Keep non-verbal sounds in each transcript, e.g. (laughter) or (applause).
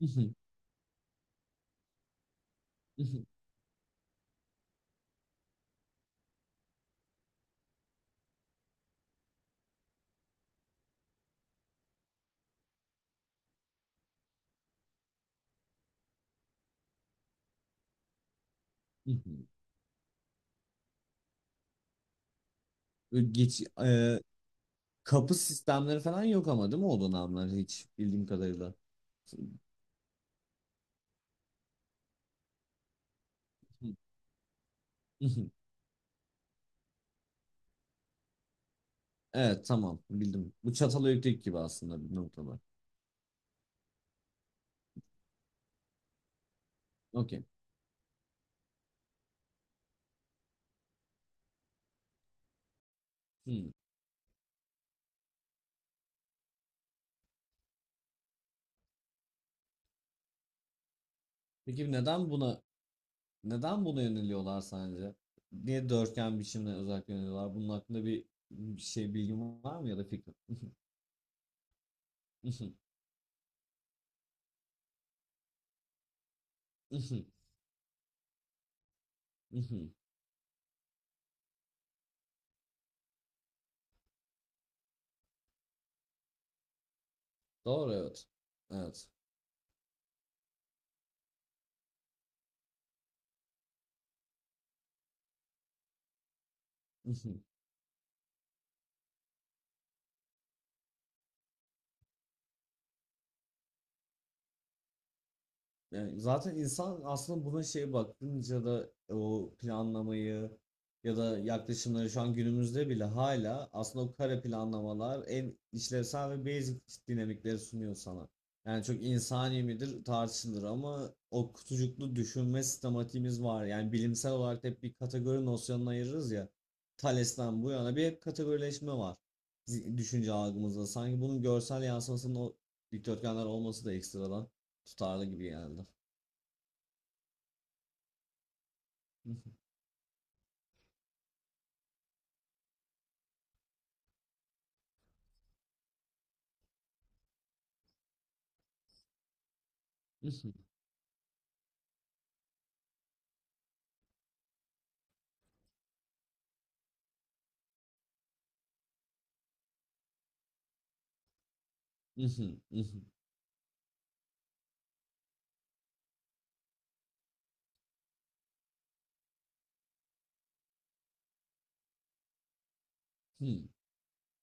Hı hı, hı hı, hı hı. Böyle geç, e, Kapı sistemleri falan yok ama, değil mi, o dönemler hiç bildiğim kadarıyla. Hı hı, hı hı. Evet, tamam, bildim. Bu Çatalhöyük gibi aslında bir noktada. Okey. Hmm. Peki neden buna Neden buna yöneliyorlar sence? Niye dörtgen biçimine özellikle yöneliyorlar? Bunun hakkında bir şey bilgin var mı ya da fikrin? (laughs) Mhm, mhm, mhm, mhm. Doğru, evet. Evet. (laughs) Yani zaten insan aslında buna şey bakınca da o planlamayı ya da yaklaşımları, şu an günümüzde bile hala aslında o kare planlamalar en işlevsel ve basic dinamikleri sunuyor sana. Yani çok insani midir tartışılır ama o kutucuklu düşünme sistematiğimiz var. Yani bilimsel olarak hep bir kategori nosyonuna ayırırız ya. Thales'ten bu yana bir hep kategorileşme var düşünce algımızda. Sanki bunun görsel yansımasının o dikdörtgenler olması da ekstradan tutarlı gibi geldi. (laughs)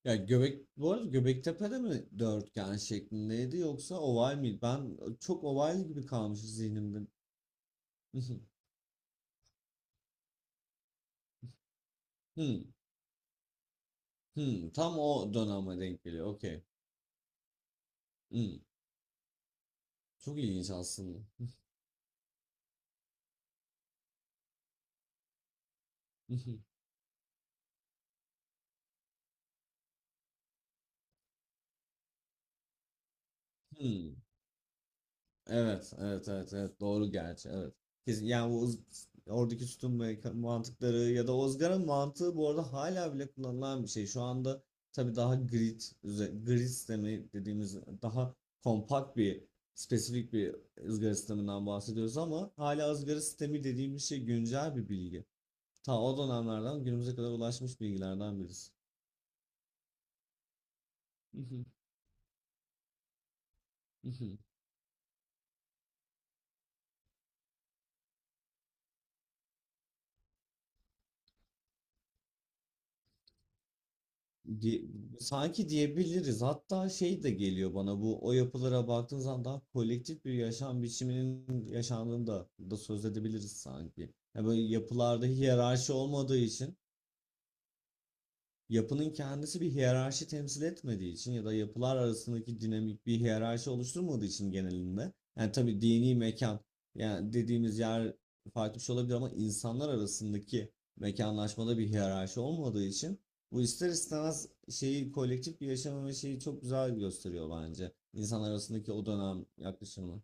Ya göbek, bu arada, Göbektepe'de mi dörtgen şeklindeydi, yoksa oval miydi? Ben çok oval gibi kalmış zihnimde. (laughs) Hmm, hmm. Tam o döneme denk geliyor. Okey. Hmm. Çok ilginç aslında. (laughs) Hmm. Evet, evet, evet, evet. Doğru gerçi, evet. Kesin, yani bu oradaki mantıkları ya da ızgara mantığı, bu arada, hala bile kullanılan bir şey. Şu anda tabii daha grid, grid sistemi dediğimiz daha kompakt bir, spesifik bir ızgara sisteminden bahsediyoruz ama hala ızgara sistemi dediğimiz şey güncel bir bilgi. Ta o dönemlerden günümüze kadar ulaşmış bilgilerden birisi. (laughs) Di- Sanki diyebiliriz. Hatta şey de geliyor bana, bu, o yapılara baktığın zaman daha kolektif bir yaşam biçiminin yaşandığını da söz edebiliriz sanki. Ya böyle yapılarda hiyerarşi olmadığı için, yapının kendisi bir hiyerarşi temsil etmediği için ya da yapılar arasındaki dinamik bir hiyerarşi oluşturmadığı için genelinde, yani tabii dini mekan, yani dediğimiz yer farklı bir şey olabilir ama insanlar arasındaki mekanlaşmada bir hiyerarşi olmadığı için bu ister istemez şeyi, kolektif bir yaşamı ve şeyi çok güzel gösteriyor bence. İnsanlar arasındaki o dönem yaklaşımı.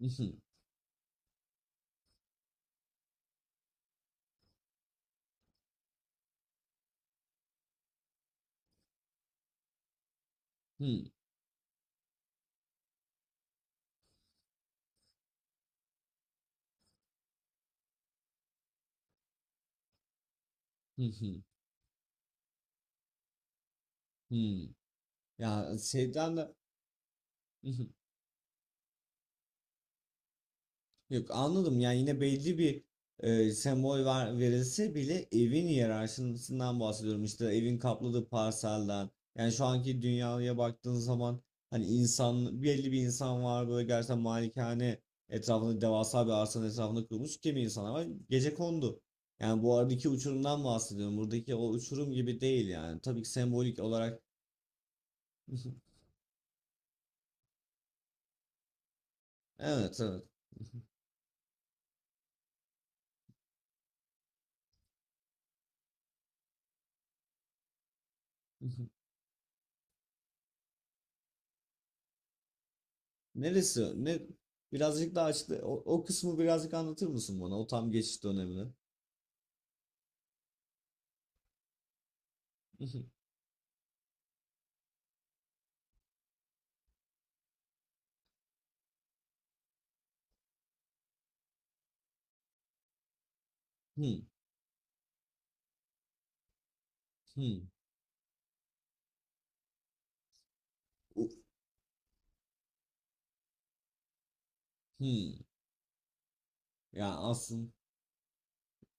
(laughs) Ya şeyden de. (laughs) Yok, anladım. Yani yine belli bir sembol verilse bile, evin hiyerarşisinden bahsediyorum, işte evin kapladığı parselden. Yani şu anki dünyaya baktığın zaman, hani insan, belli bir insan var, böyle gerçekten malikane etrafında, devasa bir arsanın etrafında kurulmuş; kimi insanlar var gecekondu. Yani bu aradaki uçurumdan bahsediyorum, buradaki o uçurum gibi değil yani, tabii ki sembolik olarak. (laughs) Evet, evet. (laughs) Neresi? Ne? Birazcık daha açıkla. O, o kısmı birazcık anlatır mısın bana? O tam geçiş dönemini. (laughs) Hmm, hmm, u- hmm. Yani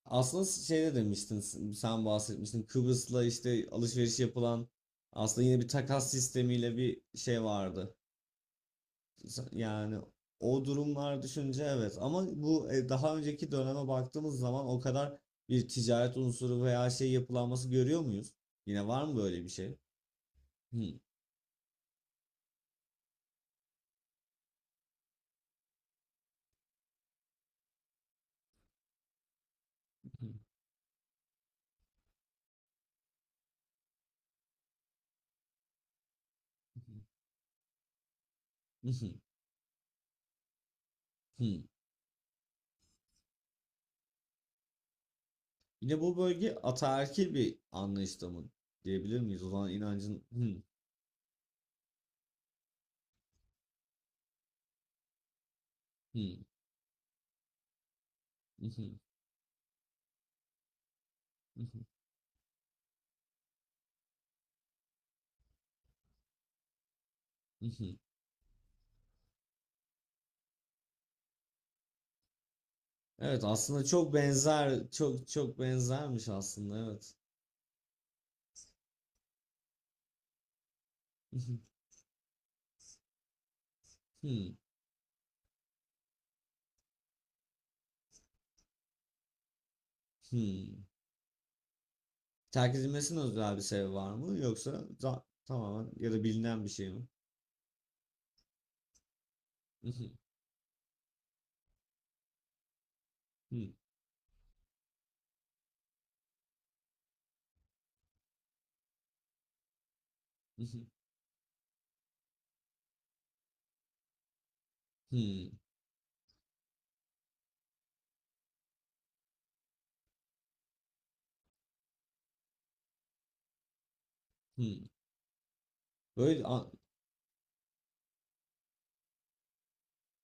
aslında şeyde demiştin, sen bahsetmiştin, Kıbrıs'la işte alışveriş yapılan, aslında yine bir takas sistemiyle bir şey vardı. Yani o durumlar düşünce evet, ama bu, daha önceki döneme baktığımız zaman o kadar bir ticaret unsuru veya şey yapılanması görüyor muyuz? Yine var mı böyle bir şey? Hmm. Hı hı, hı. Yine bu bölge ataerkil bir anlayışta mı diyebilir miyiz? O zaman inancın hı. Hı, hı hı, hı hı, hı. Evet, aslında çok benzer, çok çok benzermiş aslında, evet. Hı hı, hı hı. Terk edilmesinin özel bir sebebi var mı, yoksa tamamen ya da bilinen bir şey mi? Hı hı, hı hı, hı hı. Böyle.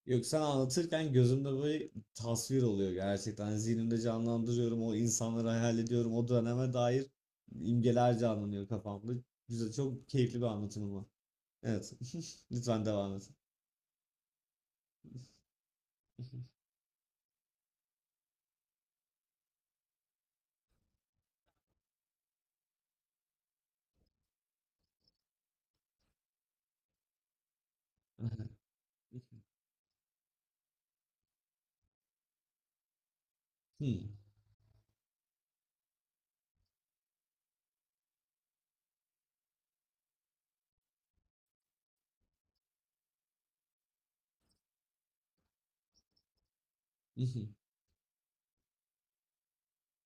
Yok, sen anlatırken gözümde böyle tasvir oluyor gerçekten. Hani zihnimde canlandırıyorum, o insanları hayal ediyorum. O döneme dair imgeler canlanıyor kafamda. Güzel, çok keyifli bir anlatım ama. Evet. (laughs) Lütfen devam et. (laughs) Hmm. (laughs)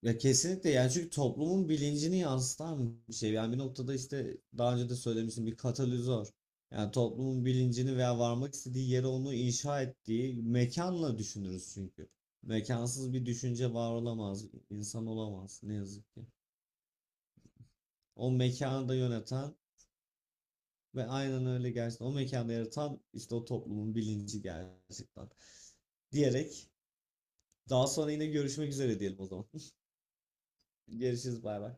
Ya kesinlikle, yani, çünkü toplumun bilincini yansıtan bir şey. Yani bir noktada, işte daha önce de söylemiştim, bir katalizör. Yani toplumun bilincini veya varmak istediği yere onu inşa ettiği mekanla düşünürüz çünkü. Mekansız bir düşünce var olamaz, insan olamaz ne yazık ki. O mekanı da yöneten ve aynen öyle, gerçekten o mekanda yaratan, işte o toplumun bilinci gerçekten. Diyerek, daha sonra yine görüşmek üzere diyelim o zaman. (laughs) Görüşürüz, bay bay.